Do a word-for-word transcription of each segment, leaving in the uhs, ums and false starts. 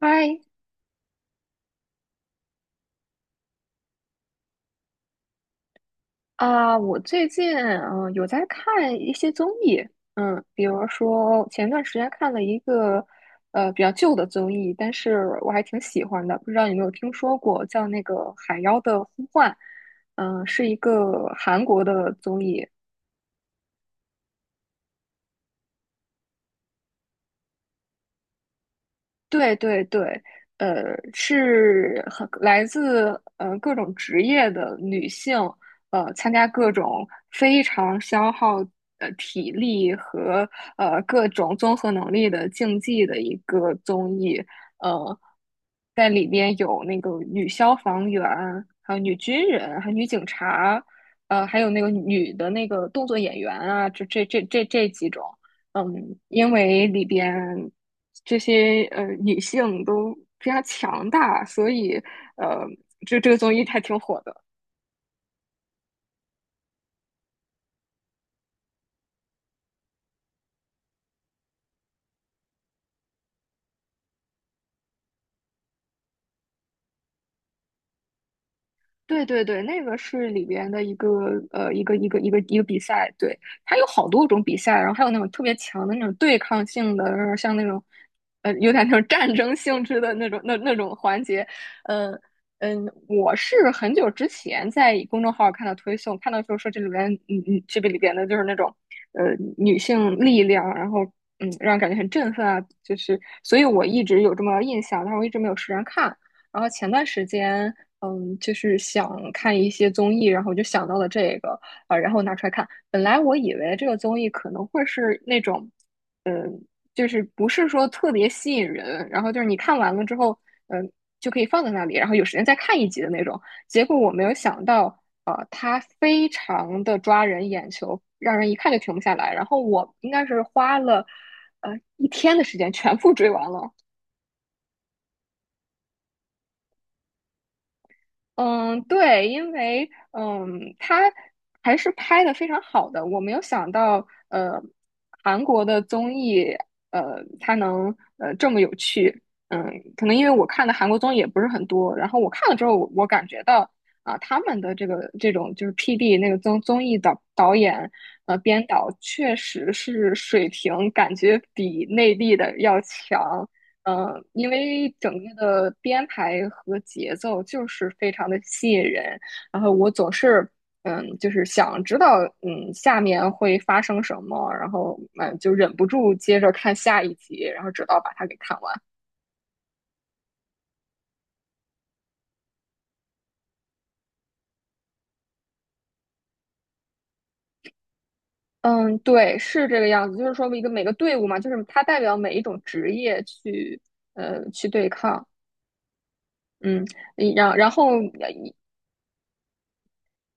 嗨。啊，我最近嗯、呃有在看一些综艺。嗯，比如说前段时间看了一个呃比较旧的综艺，但是我还挺喜欢的，不知道你有没有听说过，叫那个《海妖的呼唤》，嗯、是一个韩国的综艺。对对对，呃，是很来自呃各种职业的女性，呃，参加各种非常消耗呃体力和呃各种综合能力的竞技的一个综艺。呃，在里边有那个女消防员，还有女军人，还有女警察，呃，还有那个女的那个动作演员啊，这这这这这几种。嗯，因为里边这些呃女性都非常强大，所以，呃，这这个综艺还挺火的。对对对，那个是里边的一个呃一个一个一个一个比赛，对，它有好多种比赛，然后还有那种特别强的那种对抗性的，然后像那种呃有点那种战争性质的那种那那种环节。嗯嗯，我是很久之前在公众号儿看到推送，看到就是说这里边嗯嗯这个里边的就是那种呃女性力量，然后嗯让人感觉很振奋啊，就是所以我一直有这么印象，但是我一直没有时间看。然后前段时间，嗯，就是想看一些综艺，然后我就想到了这个，呃，然后拿出来看。本来我以为这个综艺可能会是那种，嗯，就是不是说特别吸引人，然后就是你看完了之后，嗯，就可以放在那里，然后有时间再看一集的那种。结果我没有想到，呃，它非常的抓人眼球，让人一看就停不下来。然后我应该是花了，呃，一天的时间全部追完了。嗯，对，因为嗯，他还是拍的非常好的。我没有想到，呃，韩国的综艺，呃，它能呃这么有趣。嗯，可能因为我看的韩国综艺也不是很多，然后我看了之后，我我感觉到啊，他们的这个这种就是 P D 那个综综艺导导演呃编导，确实是水平感觉比内地的要强。呃，因为整个的编排和节奏就是非常的吸引人，然后我总是嗯，就是想知道嗯下面会发生什么，然后嗯就忍不住接着看下一集，然后直到把它给看完。嗯，对，是这个样子，就是说一个每个队伍嘛，就是它代表每一种职业去呃去对抗。嗯，然然后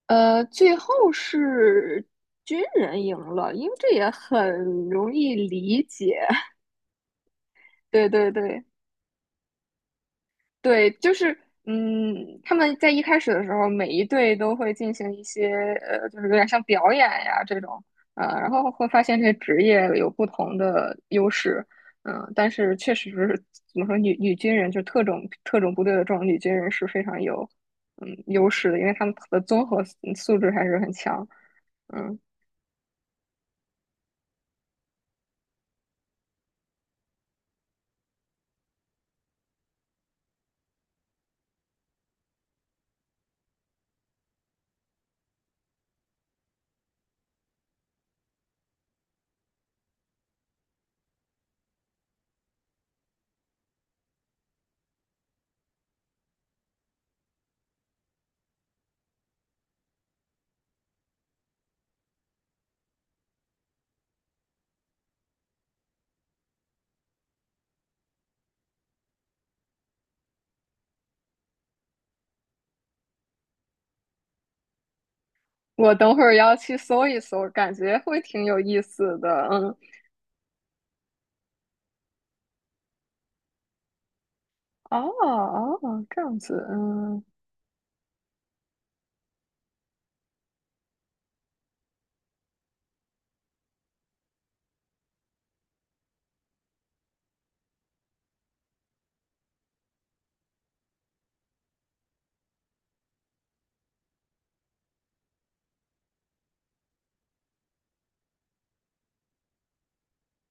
呃，最后是军人赢了，因为这也很容易理解。对对对对，就是嗯，他们在一开始的时候，每一队都会进行一些呃，就是有点像表演呀这种，呃，然后会发现这些职业有不同的优势。嗯、但是确实是怎么说，女女军人就特种特种部队的这种女军人是非常有嗯优势的，因为他们的综合素质还是很强，嗯。我等会儿要去搜一搜，感觉会挺有意思的。嗯，哦哦，这样子，嗯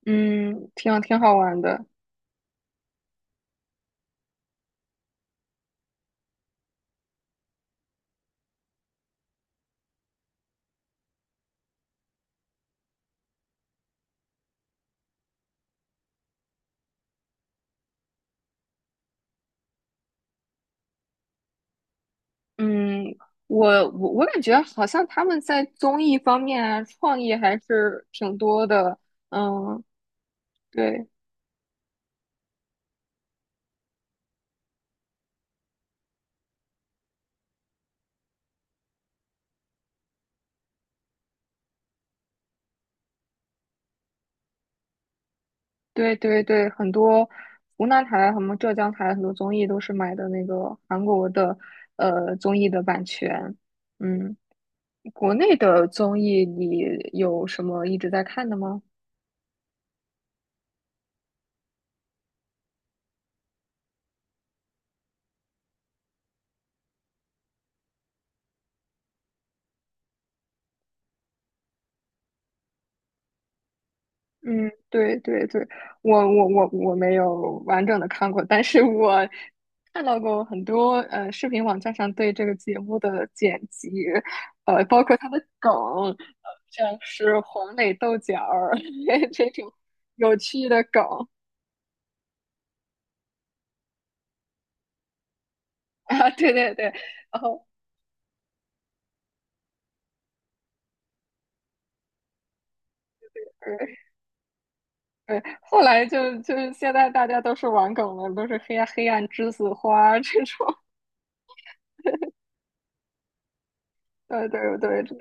嗯，挺挺好玩的。嗯，我我我感觉好像他们在综艺方面啊，创意还是挺多的。嗯，对对对对，很多湖南台、什么浙江台很多综艺都是买的那个韩国的呃综艺的版权。嗯，国内的综艺你有什么一直在看的吗？嗯，对对对，我我我我没有完整的看过，但是我看到过很多呃视频网站上对这个节目的剪辑，呃，包括它的梗，呃，像是黄磊豆角儿 这种有趣的梗啊。对对对，然后对对，后来就就是现在大家都是玩梗了，都是黑暗黑暗栀子花这种，对对对，这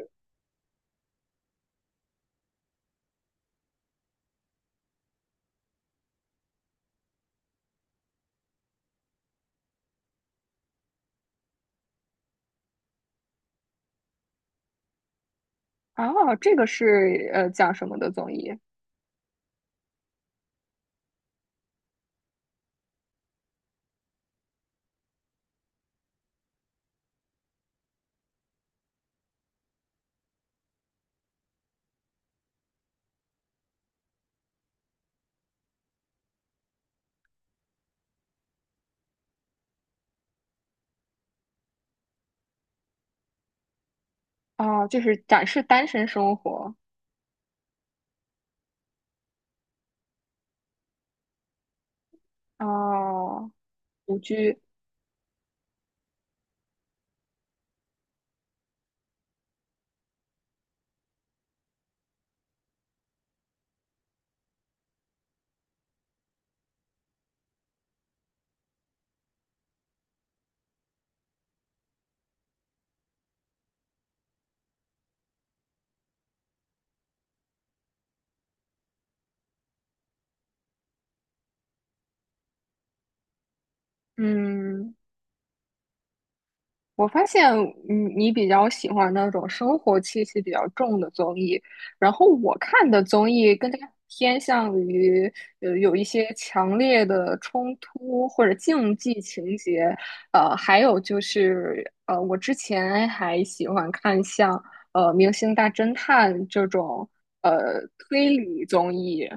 啊，这个是呃讲什么的综艺？哦，就是展示单身生活。哦，独居。嗯，我发现你你比较喜欢那种生活气息比较重的综艺，然后我看的综艺更加偏向于呃有一些强烈的冲突或者竞技情节。呃，还有就是呃，我之前还喜欢看像呃《明星大侦探》这种呃推理综艺。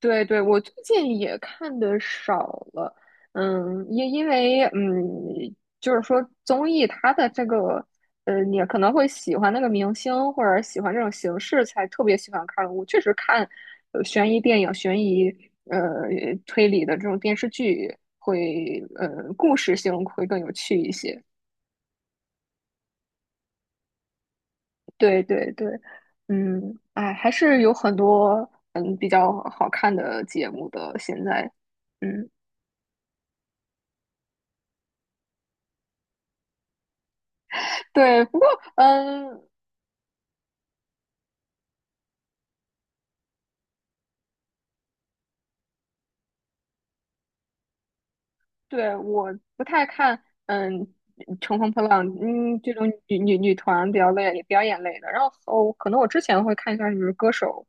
对对，我最近也看的少了。嗯，因因为嗯，就是说综艺它的这个，呃，你可能会喜欢那个明星或者喜欢这种形式，才特别喜欢看。我确实看呃悬疑电影、悬疑呃推理的这种电视剧会，呃，故事性会更有趣一些。对对对，嗯，哎，还是有很多嗯比较好看的节目的，现在，嗯。对，不过，嗯，对，我不太看，嗯，乘风破浪，嗯，这种女女女团比较类表演类的。然后，哦可能我之前会看一下就是歌手，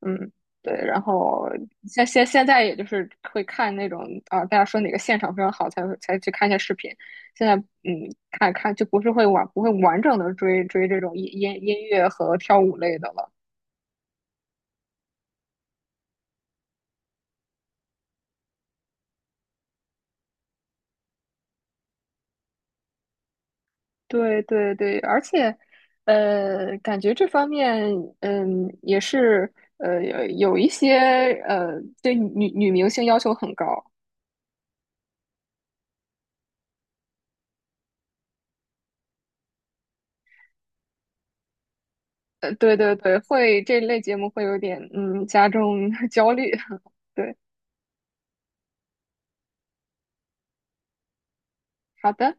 嗯，对。然后现现现在也就是会看那种啊，大家说哪个现场非常好才会才去看一下视频。现在，嗯，看看就不是会完不会完整的追追这种音音音乐和跳舞类的了。对对对，而且，呃，感觉这方面，嗯，也是，呃，有有一些，呃，对女女明星要求很高，呃，对对对，会这类节目会有点，嗯，加重 焦虑，对。好的。